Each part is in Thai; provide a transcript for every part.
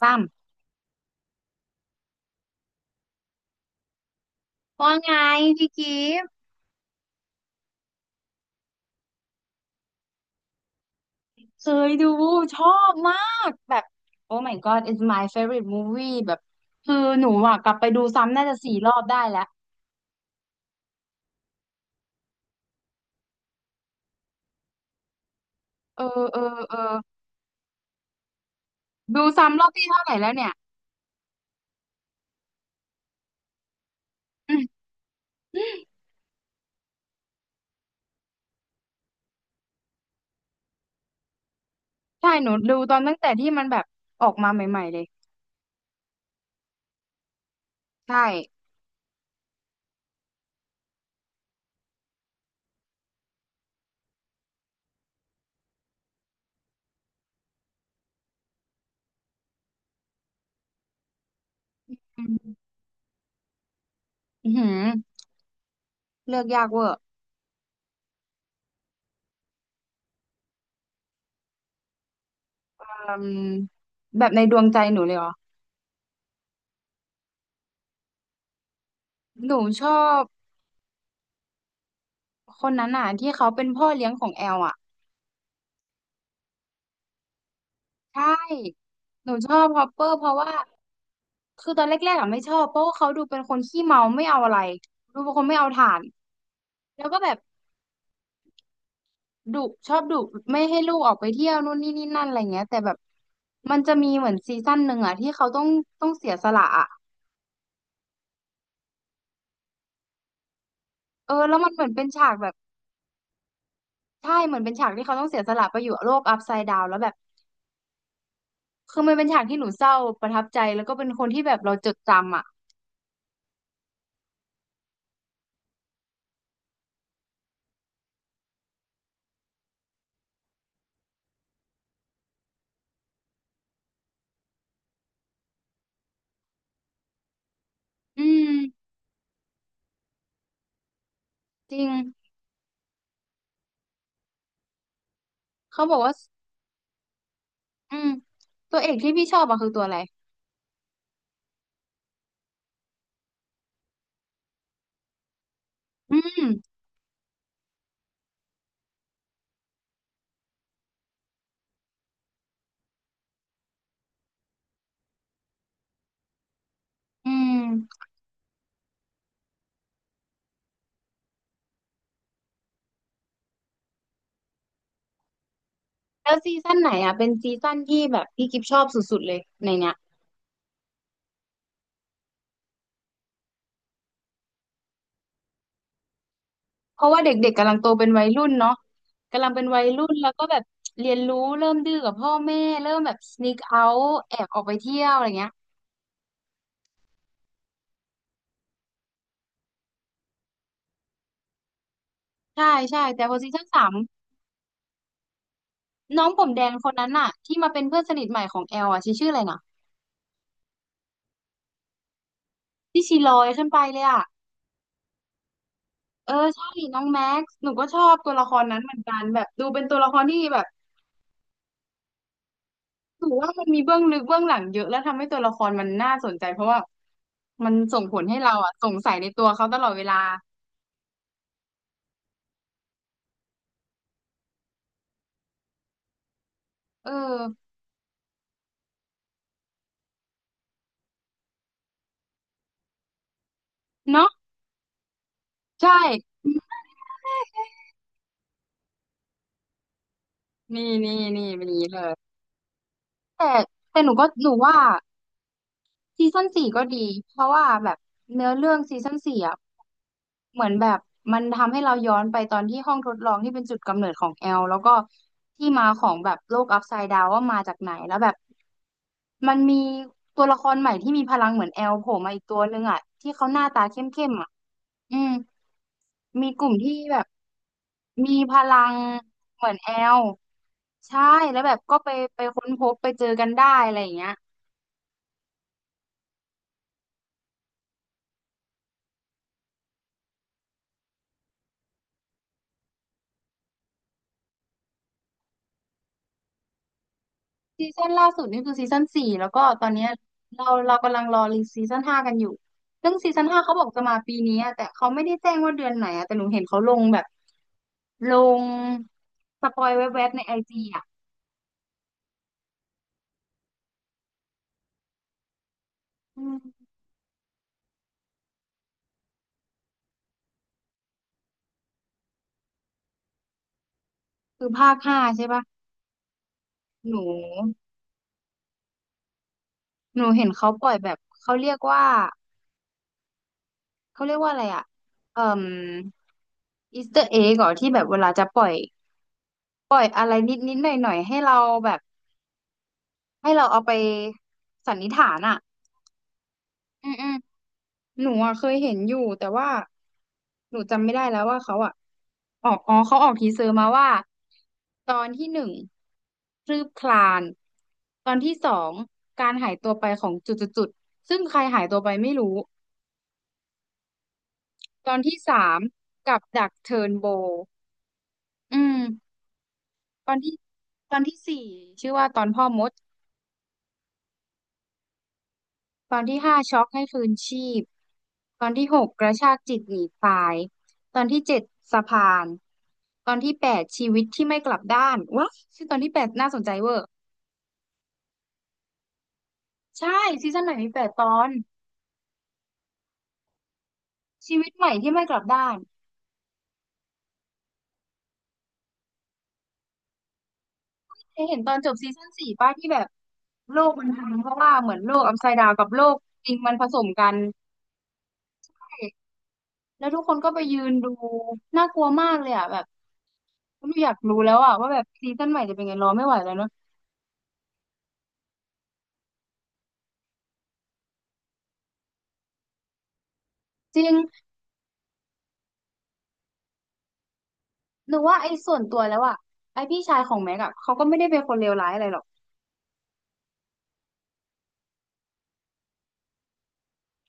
ซ้ำว่าไงพี่กิฟต์เคยดูชอบมากแบบ Oh my God it's my favorite movie แบบคือหนูอ่ะกลับไปดูซ้ำน่าจะสี่รอบได้แล้วเออเออเออดูซ้ำรอบที่เท่าไหร่แล้วเนี่ยอืมใช่หนูดูตอนตั้งแต่ที่มันแบบออกมาใหม่ๆเลยใช่อืมอื้อหือเลือกยากเวอร์อืมแบบในดวงใจหนูเลยเหรอหนูชอบคนนั้นอ่ะที่เขาเป็นพ่อเลี้ยงของแอลอ่ะใช่หนูชอบฮอปเปอร์เพราะว่า คือตอนแรกๆอ่ะไม่ชอบเพราะว่าเขาดูเป็นคนขี้เมาไม่เอาอะไรดูเป็นคนไม่เอาถ่านแล้วก็แบบดุชอบดุไม่ให้ลูกออกไปเที่ยวนู่นนี่นี่นั่นอะไรเงี้ยแต่แบบมันจะมีเหมือนซีซั่นหนึ่งอ่ะที่เขาต้องเสียสละอ่ะเออแล้วมันเหมือนเป็นฉากแบบใช่เหมือนเป็นฉากที่เขาต้องเสียสละไปอยู่โลกอัพไซด์ดาวแล้วแบบคือมันเป็นฉากที่หนูเศร้าประทับใจแล้วก็เป็นคนที่แบบเราจดจำอ่ะอืมจริงเขาบอกว่าอืมตัวเอกที่พี่ชอบอะคือตัวอะไรอืมอืม แล้วซีซั่นไหนอ่ะเป็นซีซั่นที่แบบพี่กิฟชอบสุดๆเลยในเนี้ยเพราะว่าเด็กๆกำลังโตเป็นวัยรุ่นเนาะกำลังเป็นวัยรุ่นแล้วก็แบบเรียนรู้เริ่มดื้อกับพ่อแม่เริ่มแบบ sneak out แอบออกไปเที่ยวอะไรเงี้ยใช่ใช่แต่พอซีซั่นสามน้องผมแดงคนนั้นอ่ะที่มาเป็นเพื่อนสนิทใหม่ของแอลอ่ะชื่ออะไรนะที่ชีลอยขึ้นไปเลยอ่ะเออใช่น้องแม็กซ์หนูก็ชอบตัวละครนั้นเหมือนกันแบบดูเป็นตัวละครที่แบบ ถือว่ามันมีเบื้องลึกเบื้องหลังเยอะแล้วทำให้ตัวละครมันน่าสนใจเพราะว่ามันส่งผลให้เราอ่ะสงสัยในตัวเขาตลอดเวลาเออเนาะใช่นี่นี่นี่มีเลยแต่แต่หนูก็หนูว่า ซีซั่นสี่ก็ดีเพราะว่าแบบเนื้อเรื่องซีซั่นสี่อ่ะเหมือนแบบมันทำให้เราย้อนไปตอนที่ห้องทดลองที่เป็นจุดกำเนิดของแอลแล้วก็ที่มาของแบบโลกอัพไซด์ดาวว่ามาจากไหนแล้วแบบมันมีตัวละครใหม่ที่มีพลังเหมือนแอลโผล่มาอีกตัวนึงอ่ะที่เขาหน้าตาเข้มๆอ่ะอืมมีกลุ่มที่แบบมีพลังเหมือนแอลใช่แล้วแบบก็ไปค้นพบไปเจอกันได้อะไรอย่างเงี้ย ซีซั่นล่าสุดนี่คือซีซั่นสี่แล้วก็ตอนเนี้ยเรากำลังรอรีซีซั่นห้ากันอยู่ซึ่งซีซั่นห้าเขาบอกจะมาปีนี้อะแต่เขาไม่ได้แจ้งว่าเดือนไหนอะแต่หนูเห็นเขาลงแบบลงสปอยแวบๆในไอจีอะอืมคือภาคห้าใช่ปะหนูหนูเห็นเขาปล่อยแบบเขาเรียกว่าเขาเรียกว่าอะไรอะเอ่มอีสเตอร์เอ็กอที่แบบเวลาจะปล่อยปล่อยอะไรนิดนิดหน่อยหน่อยๆให้เราแบบให้เราเอาไปสันนิษฐานอ่ะอืมอืม หนูอ่ะเคยเห็นอยู่แต่ว่าหนูจำไม่ได้แล้วว่าเขาอ่ะออกอ๋อเขาออกทีเซอร์มาว่าตอนที่หนึ่งคืบคลานตอนที่สองการหายตัวไปของจุดจุดจุดซึ่งใครหายตัวไปไม่รู้ตอนที่สามกับดักเทิร์นโบอืมตอนที่ตอนที่สี่ชื่อว่าตอนพ่อมด ตอนที่ห้าช็อกให้ฟื้นชีพตอนที่หกกระชากจิตหนีตายตอนที่เจ็ดสะพานตอนที่แปดชีวิตที่ไม่กลับด้านว้าชื่อตอนที่แปดน่าสนใจเวอร์ใช่ซีซั่นใหม่มีแปดตอนชีวิตใหม่ที่ไม่กลับด้านเคยเห็นตอนจบซีซั่นสี่ป้าที่แบบโลกมันพังเพราะว่าเหมือนโลกอั s ไซด์ดาวกับโลกจริงมันผสมกันใช่แล้วทุกคนก็ไปยืนดูน่ากลัวมากเลยอ่ะแบบไม่อยากรู้แล้วอ่ะว่าแบบซีซั่นใหม่จะเป็นไงรอไม่ไหวแล้วเนอะจริง หนูว่าไอ้ส่วนตัวแล้วอะไอ้พี่ชายของแม็กอะเขาก็ไม่ได้เป็นคนเลวร้ายอะไรหรอก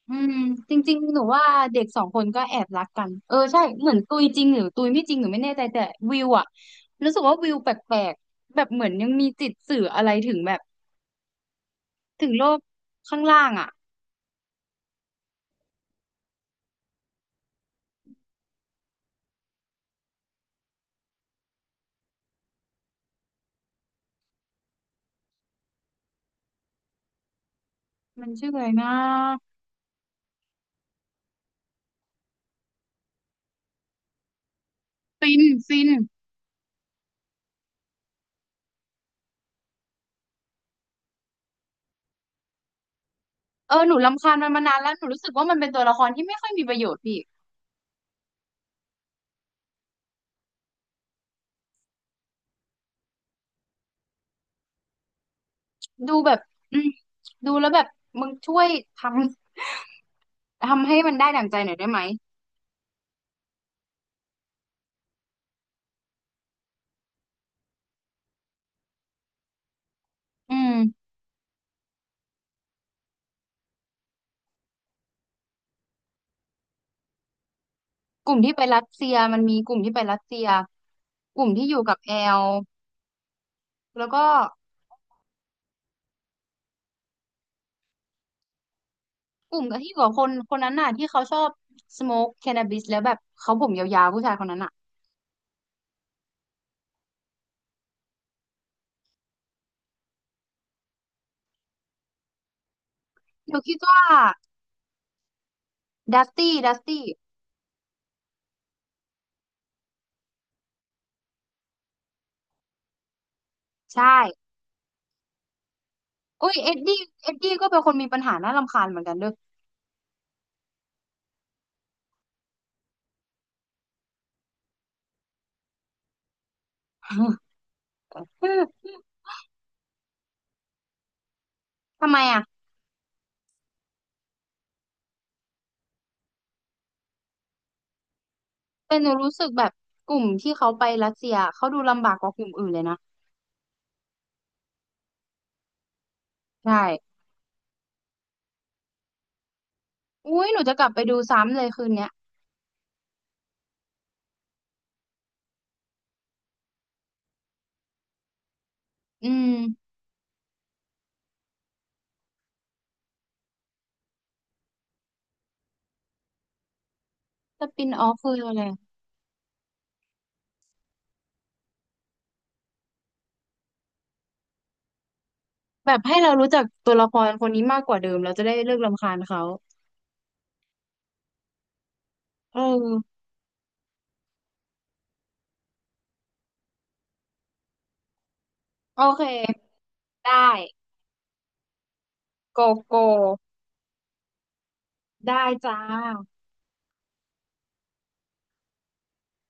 อืมจริงๆหนูว่าเด็กสองคนก็แอบรักกันเออใช่เหมือนตุยจริงหรือตุยไม่จริงหนูไม่แน่ใจแต่วิวอะรู้สึกว่าวิวแปลกๆแบบเหมือนยังมีจิตสื่ออะไรถึงแบบถึงโลกข้างล่างอะมันชื่ออะไรนะฟินฟินเออหนูรำคาญมันมานานแล้วหนูรู้สึกว่ามันเป็นตัวละครที่ไม่ค่อยมีประโยชน์พี่ดูแบบอืมดูแล้วแบบมึงช่วยททำให้มันได้ดั่งใจหน่อยได้ไหมอืม กลุ่มที่ไปรัสเซียมันมีกลุ่มที่ไปรัสเซียกลุ่มที่อยู่กับแอลแล้วก็กลุ่มที่อยู่กับคนคนนั้นน่ะที่เขาชอบสโมกแค n น a บิสแล้วแบบเขาผมยาวๆผู้ชายคนนั้นน่ะหนูคิดว่าดัสตี้ดัสตี้ใช่โอ้ยเอ็ดดี้เอ็ดดี้ก็เป็นคนมีปัญหาน่ารำคาญเหมือนกันเด้อ ทำไมอ่ะแต่หนูรู้สึกแบบกลุ่มที่เขาไปรัสเซียเขาดูลำบากกว่ากลุ่มอื่นเลยนะใช่อุ้ยหนูจะกลับไปดูซ้ำเลยคืนเนี้ยอืมสปินออฟคืออะไร แบบให้เรารู้จักตัวละครคนนี้มากกว่าเดิมเราจะได้เลิกรำคาญเขาเออโอเค ได้ โกโก้ได้จ้า